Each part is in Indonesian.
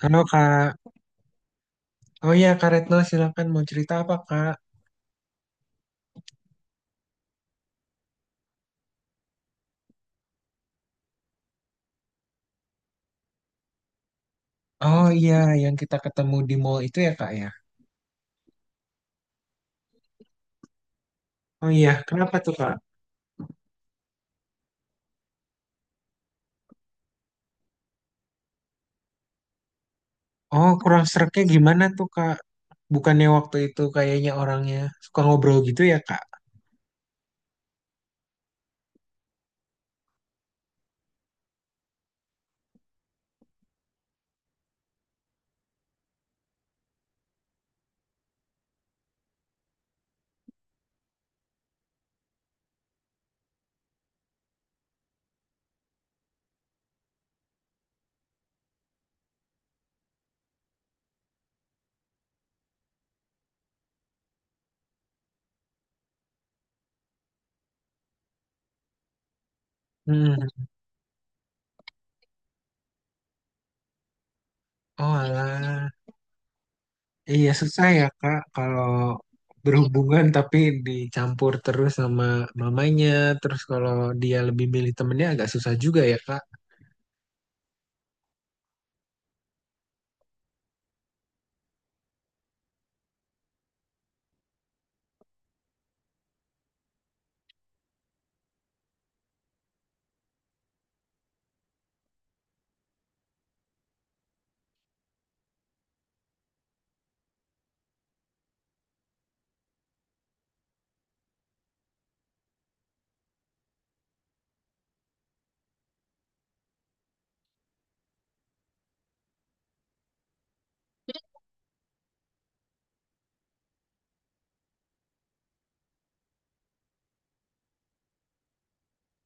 Halo Kak. Oh iya Kak Retno, silakan, mau cerita apa Kak? Oh iya, yang kita ketemu di mall itu ya Kak ya. Oh iya, kenapa tuh Kak? Oh kurang sereknya gimana tuh Kak? Bukannya waktu itu kayaknya orangnya suka ngobrol gitu ya Kak? Hmm. Oh alah. Iya susah ya Kak kalau berhubungan tapi dicampur terus sama mamanya. Terus kalau dia lebih milih temennya agak susah juga ya Kak.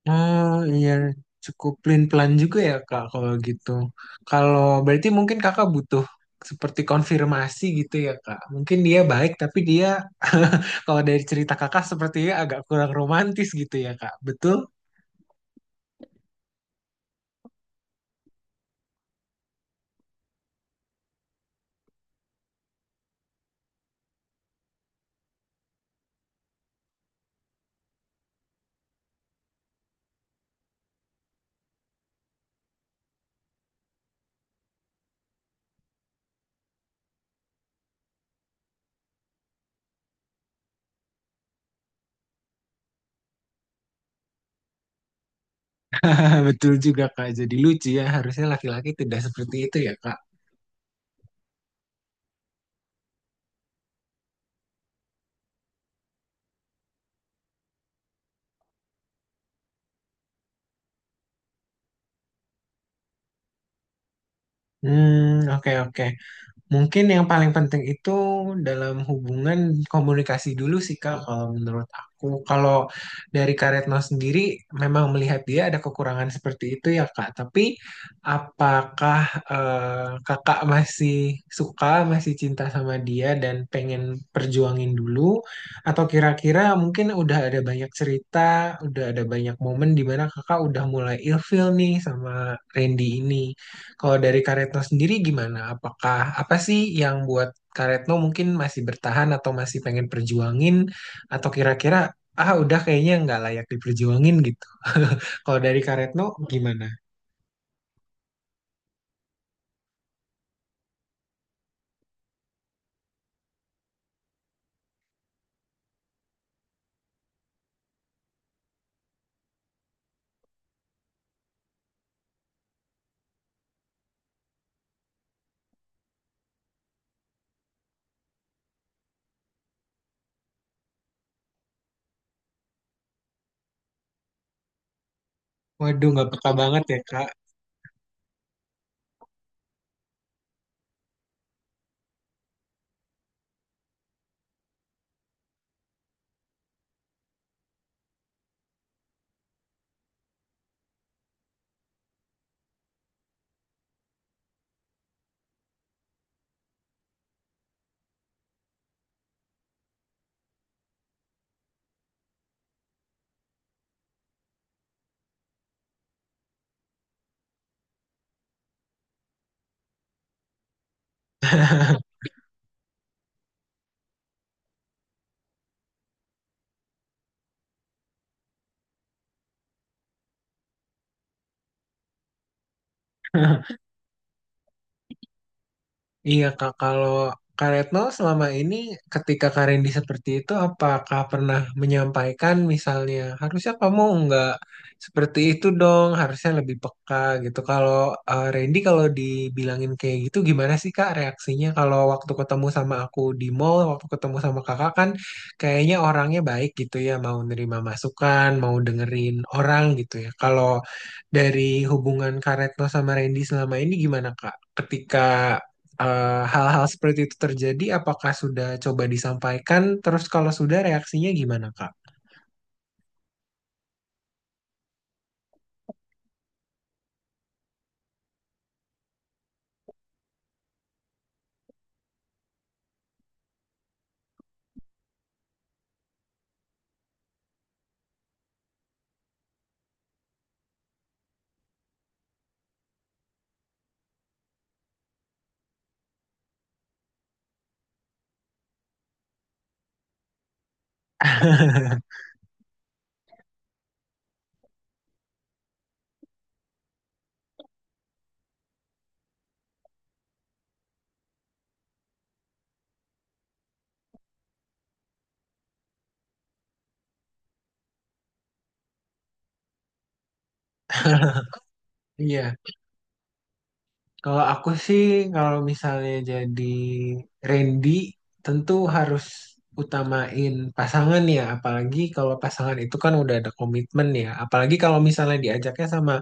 Oh iya, cukup pelin-pelan juga ya Kak kalau gitu. Kalau berarti mungkin Kakak butuh seperti konfirmasi gitu ya Kak. Mungkin dia baik tapi dia kalau dari cerita Kakak sepertinya agak kurang romantis gitu ya Kak. Betul? Betul juga Kak. Jadi lucu ya, harusnya laki-laki tidak seperti itu ya Kak. Hmm, oke oke. Mungkin yang paling penting itu dalam hubungan komunikasi dulu sih Kak, kalau menurut aku. Kalau dari Kak Retno sendiri memang melihat dia ada kekurangan seperti itu ya Kak. Tapi apakah Kakak masih suka, masih cinta sama dia dan pengen perjuangin dulu? Atau kira-kira mungkin udah ada banyak cerita, udah ada banyak momen di mana Kakak udah mulai ilfeel nih sama Randy ini? Kalau dari Karetno sendiri gimana? Apakah apa sih yang buat Karetno mungkin masih bertahan atau masih pengen perjuangin, atau kira-kira ah udah kayaknya nggak layak diperjuangin gitu. Kalau dari Karetno gimana? Waduh nggak peka banget ya Kak. Iya Kak, kalau Kak Retno selama ini ketika Kak Randy seperti itu apakah pernah menyampaikan misalnya harusnya kamu nggak seperti itu dong, harusnya lebih peka gitu. Kalau Randy kalau dibilangin kayak gitu gimana sih Kak reaksinya, kalau waktu ketemu sama aku di mall, waktu ketemu sama kakak kan kayaknya orangnya baik gitu ya, mau nerima masukan, mau dengerin orang gitu ya. Kalau dari hubungan Kak Retno sama Randy selama ini gimana Kak? Ketika hal-hal seperti itu terjadi, apakah sudah coba disampaikan? Terus kalau sudah reaksinya gimana, Kak? Iya, kalau aku sih kalau misalnya jadi Randy tentu harus utamain pasangan ya, apalagi kalau pasangan itu kan udah ada komitmen ya, apalagi kalau misalnya diajaknya sama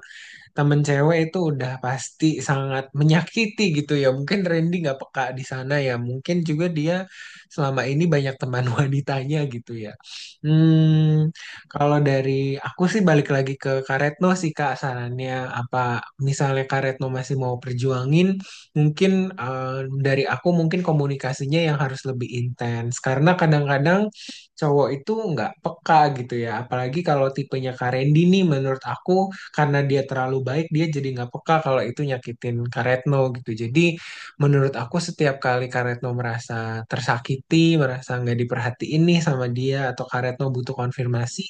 temen cewek itu udah pasti sangat menyakiti gitu ya. Mungkin Randy nggak peka di sana ya. Mungkin juga dia selama ini banyak teman wanitanya gitu ya. Hmm, kalau dari aku sih balik lagi ke Kak Retno sih Kak sarannya, apa misalnya Kak Retno masih mau perjuangin mungkin, dari aku mungkin komunikasinya yang harus lebih intens karena kadang-kadang cowok itu nggak peka gitu ya, apalagi kalau tipenya Kak Randy nih menurut aku karena dia terlalu baik dia jadi nggak peka kalau itu nyakitin Kak Retno gitu. Jadi menurut aku setiap kali Kak Retno merasa tersakiti, merasa nggak diperhatiin nih sama dia, atau Kak Retno butuh konfirmasi,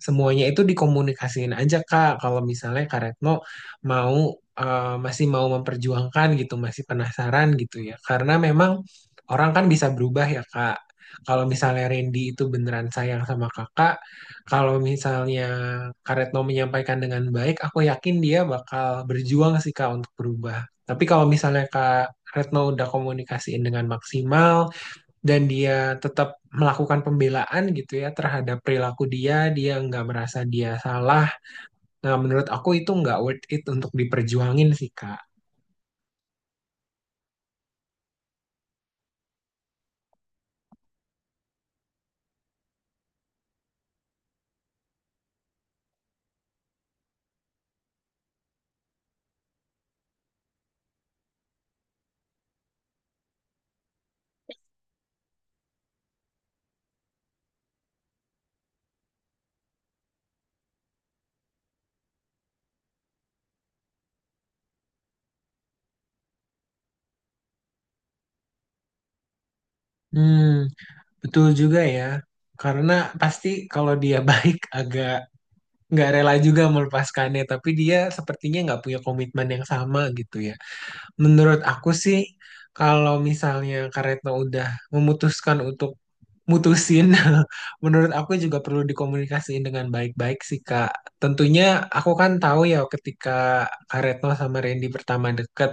semuanya itu dikomunikasiin aja Kak. Kalau misalnya Kak Retno mau masih mau memperjuangkan gitu, masih penasaran gitu ya. Karena memang orang kan bisa berubah ya Kak. Kalau misalnya Randy itu beneran sayang sama kakak, kalau misalnya Karetno menyampaikan dengan baik, aku yakin dia bakal berjuang sih Kak untuk berubah. Tapi kalau misalnya Kak Retno udah komunikasiin dengan maksimal dan dia tetap melakukan pembelaan gitu ya terhadap perilaku dia, dia nggak merasa dia salah. Nah, menurut aku itu nggak worth it untuk diperjuangin sih Kak. Hmm, betul juga ya. Karena pasti kalau dia baik agak nggak rela juga melepaskannya, tapi dia sepertinya nggak punya komitmen yang sama gitu ya. Menurut aku sih, kalau misalnya Kak Retno udah memutuskan untuk mutusin, menurut aku juga perlu dikomunikasiin dengan baik-baik sih, Kak. Tentunya aku kan tahu ya ketika Kak Retno sama Randy pertama deket,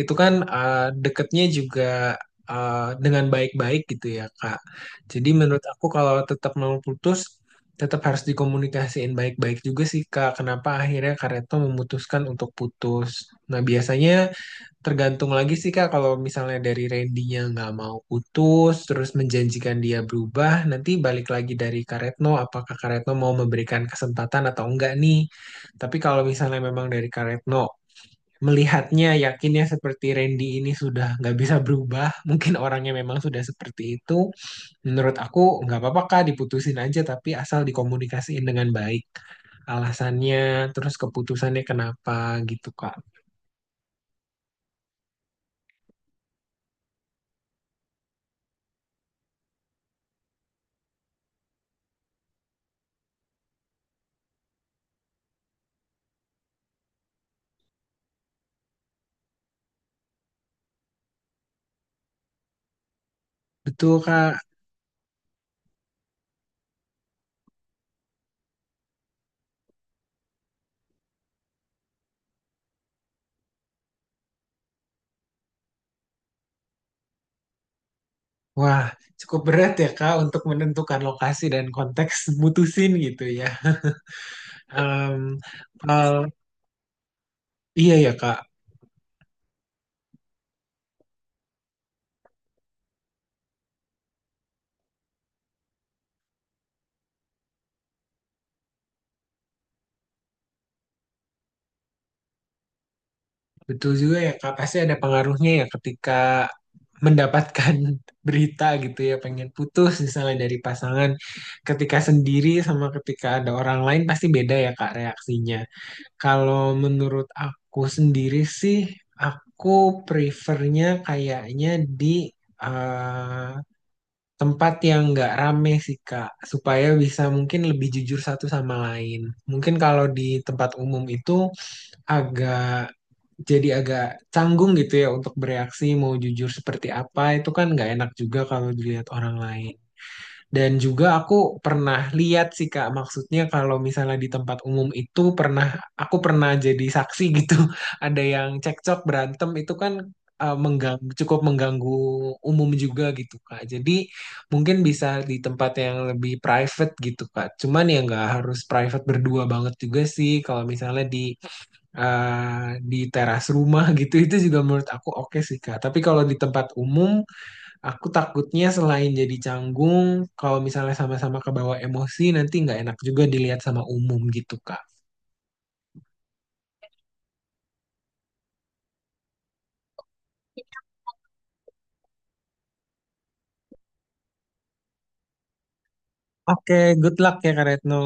itu kan deketnya juga eh, dengan baik-baik gitu ya, Kak. Jadi menurut aku kalau tetap mau putus, tetap harus dikomunikasiin baik-baik juga sih Kak. Kenapa akhirnya Kak Retno memutuskan untuk putus? Nah, biasanya tergantung lagi sih Kak, kalau misalnya dari Randy-nya nggak mau putus, terus menjanjikan dia berubah, nanti balik lagi dari Kak Retno, apakah Kak Retno mau memberikan kesempatan atau enggak nih. Tapi kalau misalnya memang dari Kak Retno, melihatnya yakinnya seperti Randy ini sudah nggak bisa berubah, mungkin orangnya memang sudah seperti itu, menurut aku nggak apa-apa Kak, diputusin aja, tapi asal dikomunikasiin dengan baik. Alasannya, terus keputusannya kenapa gitu Kak. Betul Kak. Wah, cukup berat ya Kak untuk menentukan lokasi dan konteks mutusin gitu ya. Em, kalau- iya ya Kak, betul juga ya Kak. Pasti ada pengaruhnya ya ketika mendapatkan berita gitu ya, pengen putus misalnya dari pasangan. Ketika sendiri sama ketika ada orang lain pasti beda ya Kak reaksinya. Kalau menurut aku sendiri sih, aku prefernya kayaknya di eh, tempat yang nggak rame sih Kak, supaya bisa mungkin lebih jujur satu sama lain. Mungkin kalau di tempat umum itu agak jadi agak canggung gitu ya untuk bereaksi mau jujur seperti apa, itu kan nggak enak juga kalau dilihat orang lain. Dan juga aku pernah lihat sih Kak, maksudnya kalau misalnya di tempat umum itu pernah, aku pernah jadi saksi gitu. Ada yang cekcok berantem itu kan mengganggu, cukup mengganggu umum juga gitu Kak. Jadi mungkin bisa di tempat yang lebih private gitu Kak. Cuman ya nggak harus private berdua banget juga sih kalau misalnya di di teras rumah gitu itu juga menurut aku oke sih Kak. Tapi kalau di tempat umum, aku takutnya selain jadi canggung, kalau misalnya sama-sama kebawa emosi, nanti nggak enak juga dilihat sama umum gitu, Kak. Oke, good luck ya, Kak Retno.